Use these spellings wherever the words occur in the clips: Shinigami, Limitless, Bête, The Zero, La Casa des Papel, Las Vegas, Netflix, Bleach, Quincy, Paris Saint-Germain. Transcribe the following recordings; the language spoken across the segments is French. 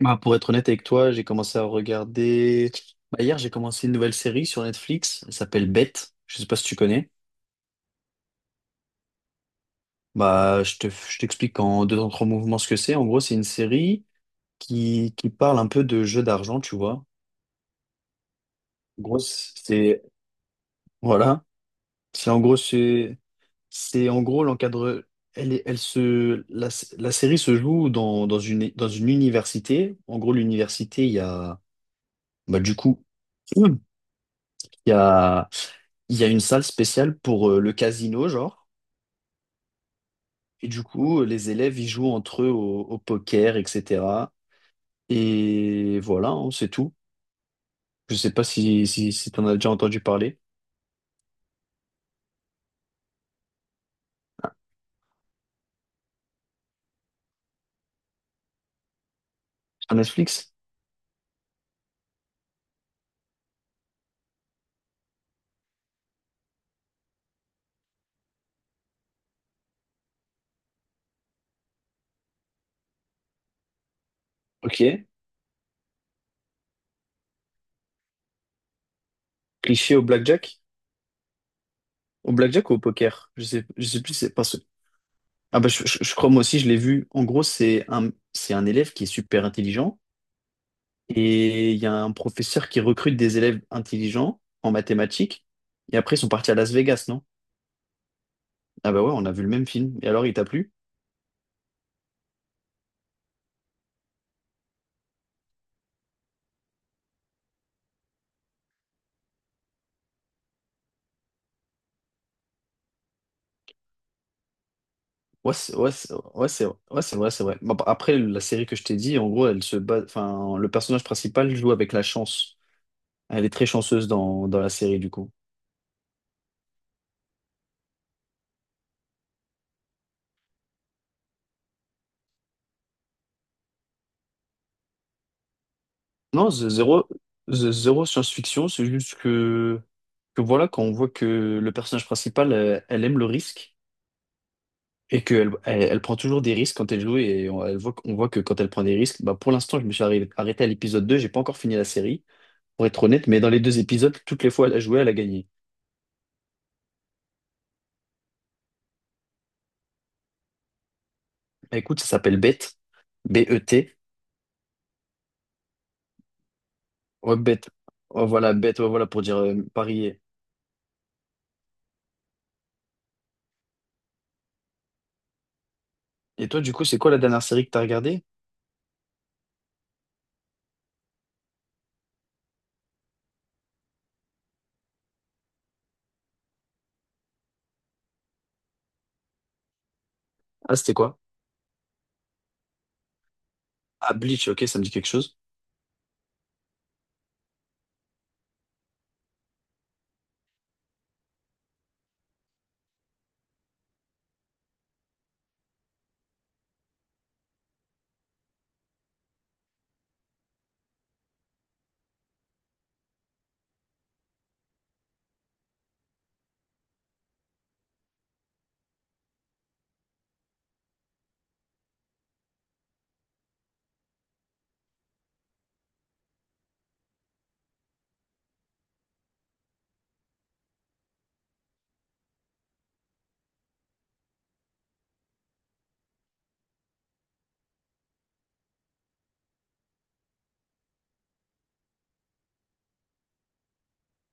Bah, pour être honnête avec toi, j'ai commencé à regarder. Bah, hier, j'ai commencé une nouvelle série sur Netflix. Elle s'appelle Bête. Je sais pas si tu connais. Bah, je t'explique en deux en trois mouvements ce que c'est. En gros, c'est une série qui parle un peu de jeu d'argent, tu vois. En gros, c'est voilà. C'est en gros c'est c'est en gros l'encadre. Elle la série se joue dans une université. En gros, l'université, il y a bah, du coup il y a il y a une salle spéciale pour le casino, genre. Et du coup, les élèves, ils jouent entre eux au poker, etc. Et voilà, hein, c'est tout. Je sais pas si t'en as déjà entendu parler. À Netflix? Ok. Cliché au blackjack? Au blackjack ou au poker? Je sais plus, c'est pas ce... Ah bah, je crois moi aussi, je l'ai vu. En gros, c'est un élève qui est super intelligent. Et il y a un professeur qui recrute des élèves intelligents en mathématiques. Et après, ils sont partis à Las Vegas, non? Ah bah ouais, on a vu le même film. Et alors, il t'a plu? Ouais, ouais, c'est vrai, c'est vrai. Bon, bah, après, la série que je t'ai dit, en gros, elle se base, enfin, le personnage principal joue avec la chance. Elle est très chanceuse dans la série, du coup. Non, The Zero, The Zero science-fiction, c'est juste que voilà, quand on voit que le personnage principal, elle, aime le risque et qu'elle elle, elle prend toujours des risques quand elle joue et elle voit, on voit que quand elle prend des risques, bah, pour l'instant, je me suis arrêté à l'épisode 2. J'ai pas encore fini la série, pour être honnête, mais dans les deux épisodes, toutes les fois elle a joué, elle a gagné. Bah, écoute, ça s'appelle Bet, B-E-T, ouais, Bet. Oh, voilà, Bet, ouais, voilà, pour dire parier. Et toi, du coup, c'est quoi la dernière série que t'as regardée? Ah, c'était quoi? Ah, Bleach, ok, ça me dit quelque chose.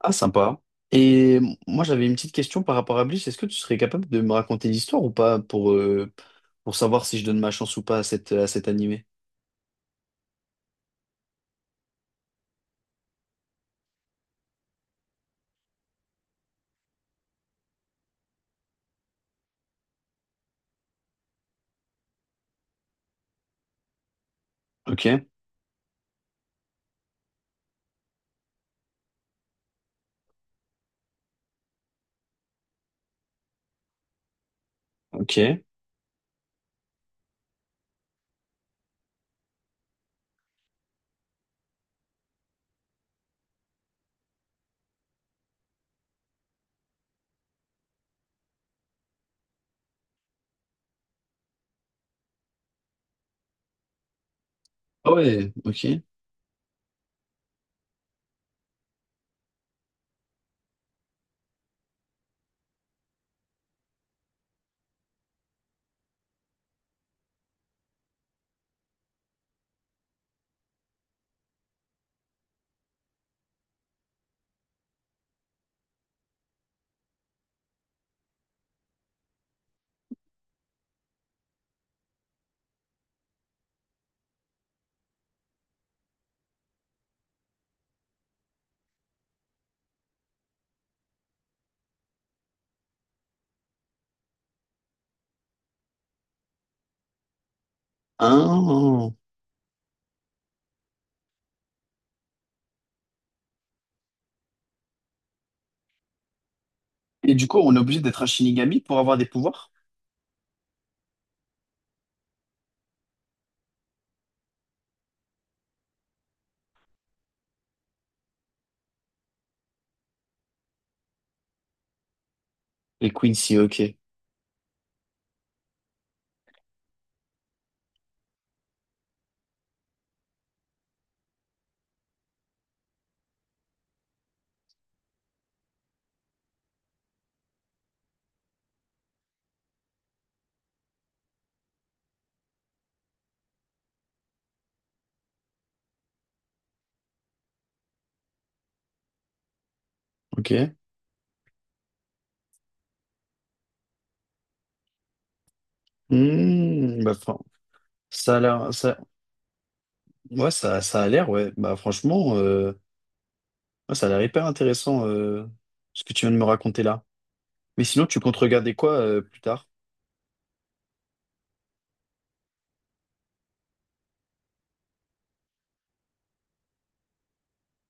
Ah, sympa. Et moi, j'avais une petite question par rapport à Bleach. Est-ce que tu serais capable de me raconter l'histoire ou pas pour, pour savoir si je donne ma chance ou pas à à cet animé? Ok, ok. Ah ouais, ok. Ah. Et du coup, on est obligé d'être un Shinigami pour avoir des pouvoirs? Les Quincy, ok. Ok. Hmm, bah, ça a l'air, ça, ouais, ça a l'air, ouais. Bah, franchement, ouais, ça a l'air hyper intéressant, ce que tu viens de me raconter là. Mais sinon, tu comptes regarder quoi, plus tard?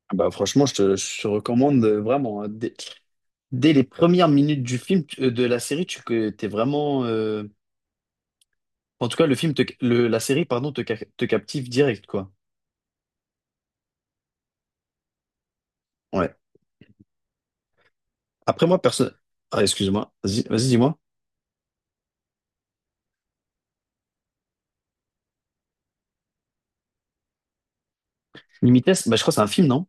Ah bah, franchement, je te recommande vraiment, hein, dès les premières minutes du film, de la série, tu que t'es vraiment. En tout cas, le film, te, le, la série, pardon, te captive direct, quoi. Ouais. Après, moi, personne. Ah, excuse-moi. Vas-y, vas-y, dis-moi. Limites, bah, je crois que c'est un film, non?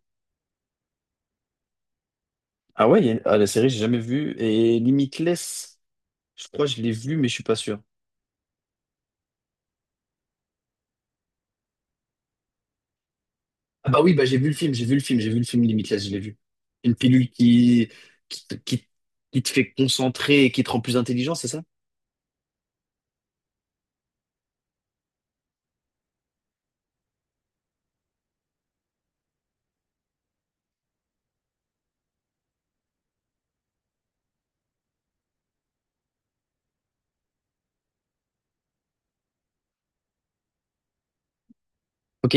Ah ouais, il y a- une- ah, la série, j'ai jamais vu. Et Limitless, je crois que je l'ai vu, mais je suis pas sûr. Ah bah oui, bah j'ai vu le film Limitless, je l'ai vu. Une pilule qui, te- qui, qui te fait concentrer et qui te rend plus intelligent, c'est ça? Ok.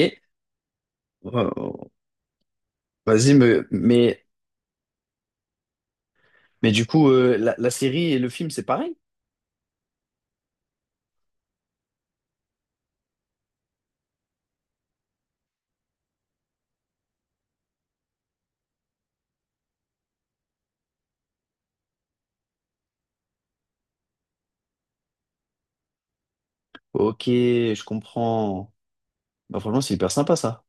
Euh, vas-y, mais du coup, la série et le film, c'est pareil? Ok, je comprends. Bah, franchement, c'est hyper sympa ça.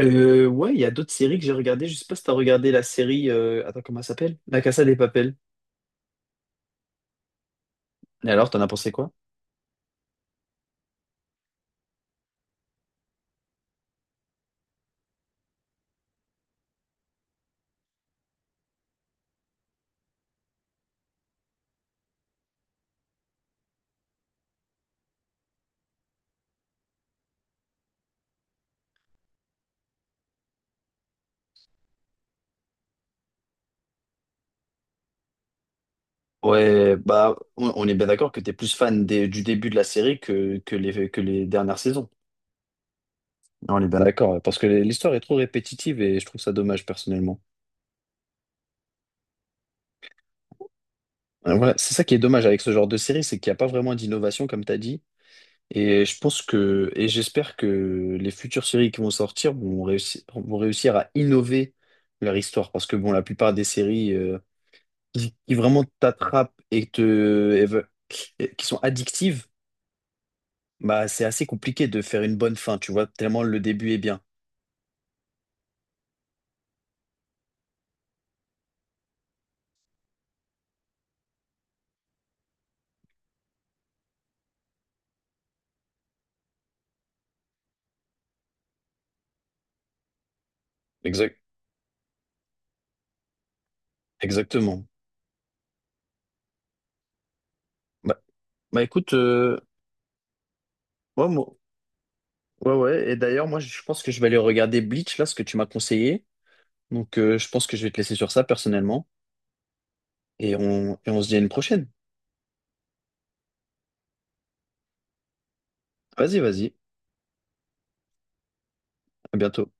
Ouais, il y a d'autres séries que j'ai regardées. Je sais pas si t'as regardé la série. Attends, comment elle s'appelle? La Casa des Papel. Et alors, t'en as pensé quoi? Ouais, bah, on est bien d'accord que t'es plus fan du début de la série que que les dernières saisons. On est bien d'accord, parce que l'histoire est trop répétitive et je trouve ça dommage personnellement. Voilà, c'est ça qui est dommage avec ce genre de série, c'est qu'il n'y a pas vraiment d'innovation comme t'as dit. Et je pense que, et j'espère que les futures séries qui vont sortir vont réussir à innover leur histoire, parce que bon, la plupart des séries qui vraiment t'attrapent et et ve- et qui sont addictives. Bah, c'est assez compliqué de faire une bonne fin, tu vois, tellement le début est bien. Exact, exactement. Bah, bah écoute, ouais, ouais, ouais. Et d'ailleurs, moi, je pense que je vais aller regarder Bleach, là, ce que tu m'as conseillé. Donc, je pense que je vais te laisser sur ça, personnellement. Et on se dit à une prochaine. Vas-y, vas-y. À bientôt.